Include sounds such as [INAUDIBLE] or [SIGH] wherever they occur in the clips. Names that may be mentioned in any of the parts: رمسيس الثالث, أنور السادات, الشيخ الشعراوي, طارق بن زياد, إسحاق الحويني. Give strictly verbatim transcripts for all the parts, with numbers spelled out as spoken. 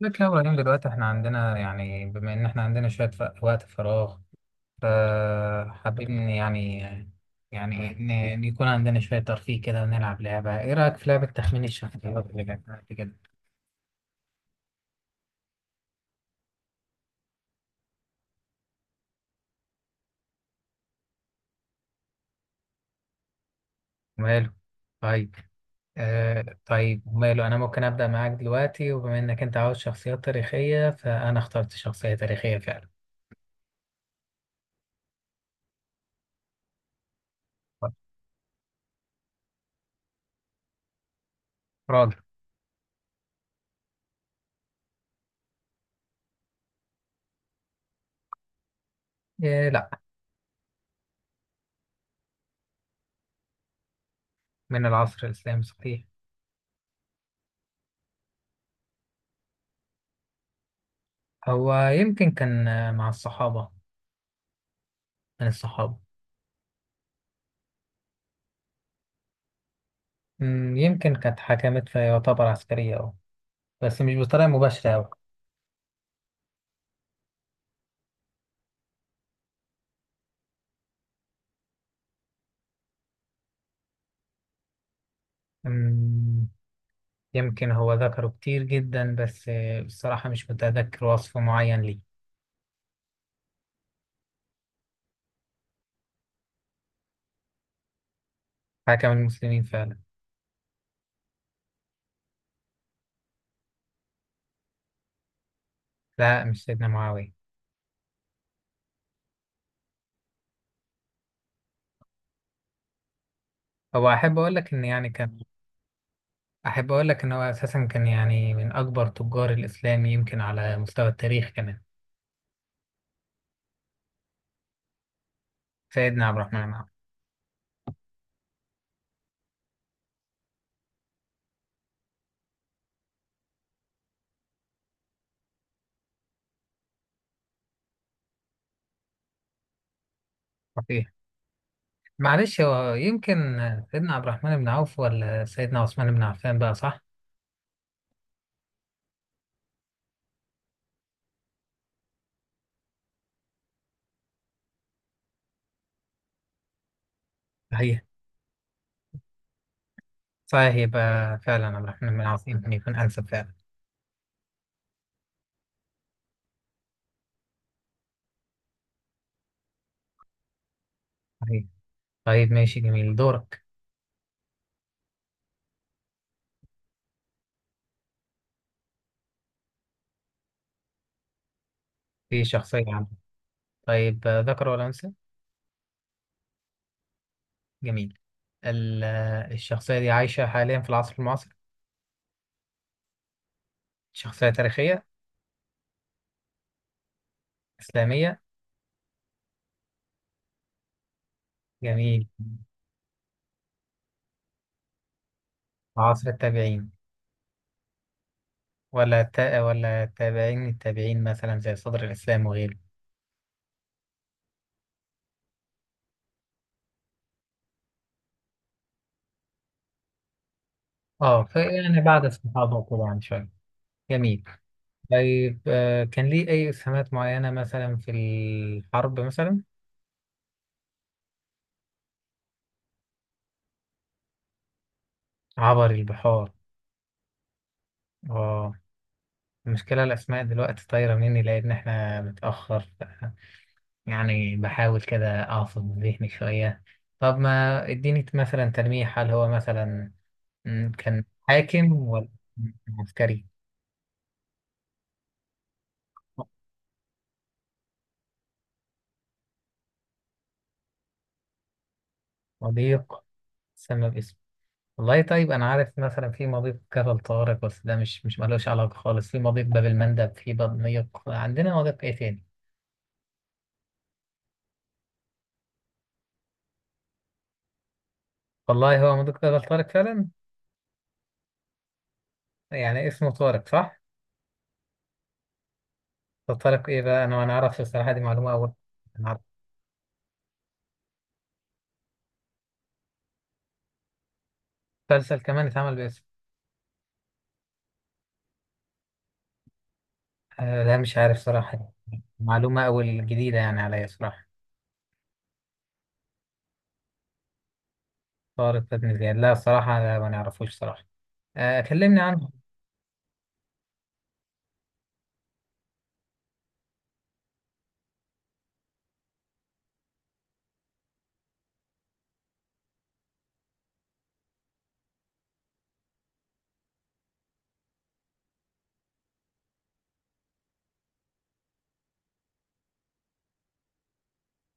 لك يا إبراهيم، دلوقتي احنا عندنا، يعني بما إن احنا عندنا شوية ف- وقت فراغ، فحابين يعني يعني إن إن يكون عندنا شوية ترفيه كده، ونلعب لعبة. إيه رأيك في لعبة تخمين الشخصيات اللي لعبناها قبل كده؟ ماله. طيب، آه طيب ماله، أنا ممكن أبدأ معاك دلوقتي، وبما إنك أنت عاوز شخصيات تاريخية فأنا اخترت شخصية تاريخية فعلا. طيب، راجل. إيه، لا. من العصر الإسلامي صحيح. هو يمكن كان، آه، مع الصحابة، من الصحابة. مم، يمكن كانت حكمت فيعتبر عسكرية، أه. بس مش بطريقة مباشرة أوي. مم، يمكن هو ذكره كتير جدا، بس آه، بصراحة مش متذكر وصف معين ليه. حكم المسلمين فعلا. لا، مش سيدنا معاوية. هو أحب أقول لك إن يعني كان أحب أقول لك إن هو أساسا كان، يعني من أكبر تجار الإسلام يمكن على مستوى التاريخ كمان. سيدنا عبد الرحمن بن عوف. صحيح. معلش، هو يمكن سيدنا عبد الرحمن بن عوف ولا سيدنا عثمان بن عفان بقى، صح؟ صحيح صحيح يبقى فعلا عبد الرحمن بن العاص يمكن يكون أنسب فعلا. صحيح. طيب، ماشي، جميل. دورك. في شخصية عندك؟ طيب، آه، ذكر ولا أنثى؟ جميل. ال- آه، الشخصية دي عايشة حاليا في العصر المعاصر؟ شخصية تاريخية، إسلامية. جميل. عصر التابعين ولا تا... ولا تابعين التابعين، مثلا زي صدر الإسلام وغيره؟ اه، فيعني بعد الصحابة وكده يعني شوية. جميل. طيب، آه، كان ليه أي إسهامات معينة، مثلا في الحرب مثلا؟ عبر البحار، اه. المشكلة الأسماء دلوقتي طايرة مني لأن إحنا متأخر، يعني بحاول كده أعصب ذهني شوية. طب ما إديني مثلا تلميح، هل هو مثلا م، كان حاكم ولا عسكري؟ مضيق. سمى باسمه. والله، طيب أنا عارف مثلا في مضيق كفر طارق، بس ده مش مش ملوش علاقة خالص. في مضيق باب المندب، في مضيق، عندنا مضيق إيه تاني؟ والله هو مضيق كفر طارق فعلا. يعني اسمه طارق، صح؟ طب طارق إيه بقى؟ أنا ما نعرفش الصراحة، دي معلومة أول. مسلسل كمان اتعمل باسم؟ آه لا، مش عارف صراحة. معلومة أول جديدة يعني عليا صراحة. طارق بن زياد؟ لا صراحة، لا ما نعرفوش صراحة. آه، كلمني عنه.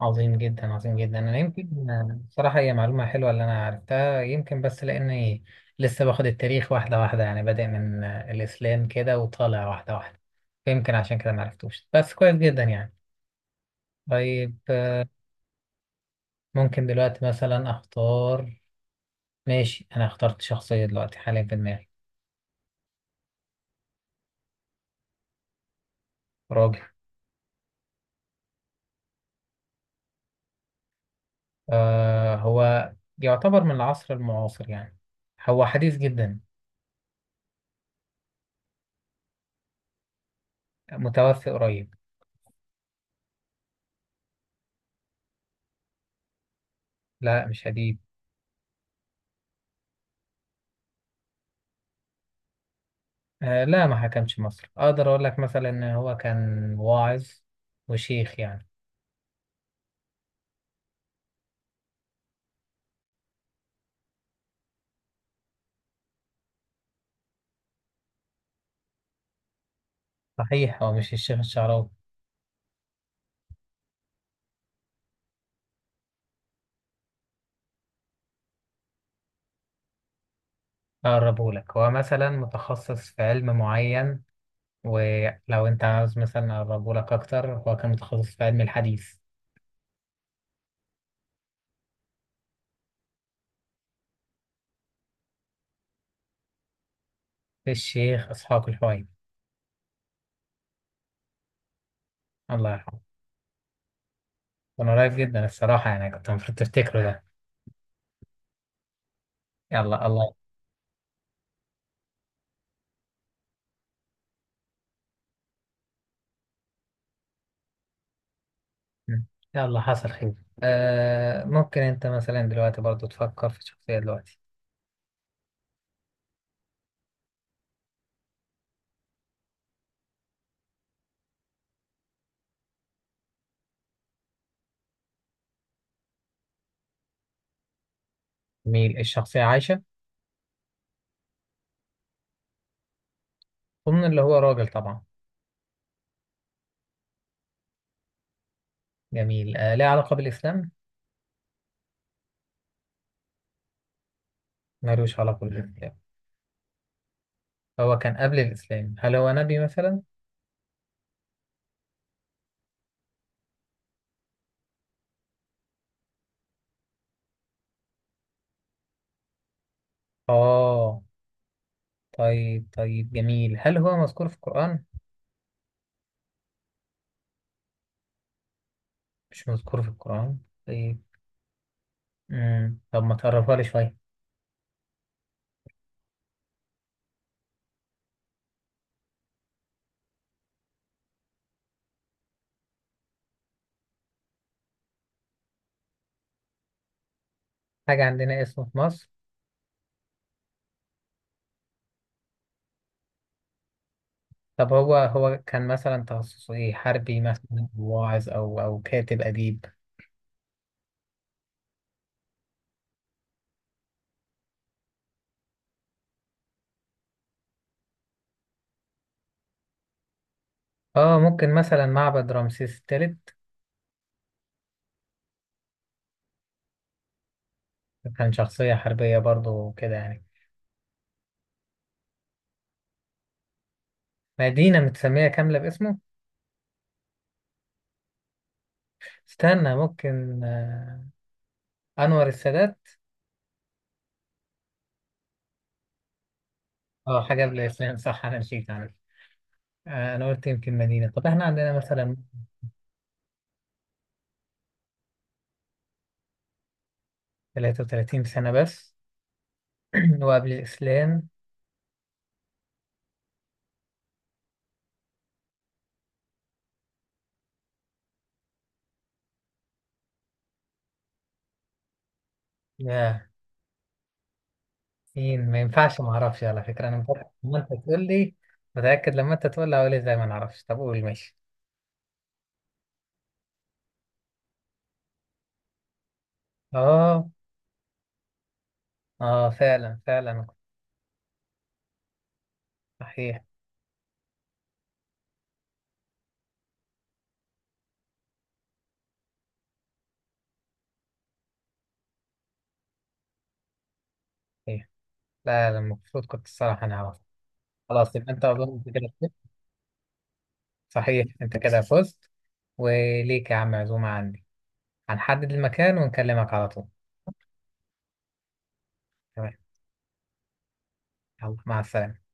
عظيم جدا، عظيم جدا. أنا يمكن آه، صراحة هي معلومة حلوة اللي أنا عرفتها، يمكن بس لأني لسه باخد التاريخ واحدة واحدة، يعني بادئ من آه، الإسلام كده وطالع واحدة واحدة. فيمكن عشان كده معرفتوش، بس كويس جدا يعني. طيب، آه، ممكن دلوقتي مثلا أختار. ماشي، أنا اخترت شخصية دلوقتي حاليا في دماغي. راجل. آه هو يعتبر من العصر المعاصر يعني، هو حديث جدا، متوفي قريب. لا، مش هديب. آه لا، ما حكمش مصر. اقدر اقول لك مثلا ان هو كان واعظ وشيخ يعني. صحيح، هو مش الشيخ الشعراوي. اقربه لك، هو مثلا متخصص في علم معين. ولو انت عاوز مثلا اقربه لك اكتر، هو كان متخصص في علم الحديث. الشيخ اسحاق الحويني. الله يرحمه. كان قريب جدا الصراحة يعني، كنت المفروض تفتكره ده. يلا الله. مم. يلا، حصل خير. آه ممكن انت مثلا دلوقتي برضو تفكر في شخصية دلوقتي. جميل، الشخصية عايشة؟ ضمن اللي هو راجل طبعا. جميل، آه ليه علاقة بالإسلام؟ ملوش علاقة بالإسلام. هو كان قبل الإسلام. هل هو نبي مثلا؟ آه طيب، طيب، جميل. هل هو مذكور في القرآن؟ مش مذكور في القرآن. طيب. مم. طب ما تقربها لي شوية. حاجة عندنا اسمه في مصر؟ طب هو هو كان مثلا تخصصه ايه، حربي مثلا أو واعظ او او كاتب اديب؟ اه، ممكن مثلا معبد رمسيس الثالث؟ كان شخصية حربية برضو كده يعني. مدينة متسمية كاملة باسمه؟ استنى، ممكن آه أنور السادات؟ اه، حاجة قبل الإسلام صح، أنا نسيت عنه. آه أنا قلت يمكن مدينة. طب احنا عندنا مثلا. تلاتة وتلاتين سنة بس؟ [CLEARS THROAT] وقبل الإسلام. يا، مين؟ ما ينفعش، ما أعرفش على فكرة. أنا متأكد لما أنت تقول لي، متأكد لما أنت تقول لي هقول إزاي ما نعرفش. طب قول، ماشي. اه. اه، فعلا، فعلا. صحيح. لا لا، المفروض كنت الصراحة أنا أعرف. خلاص يبقى أنت، أظن أنت كده فزت. صحيح، أنت كده فزت. وليك يا عم عزومة عندي، هنحدد المكان ونكلمك على طول. تمام. يلا، مع السلامة.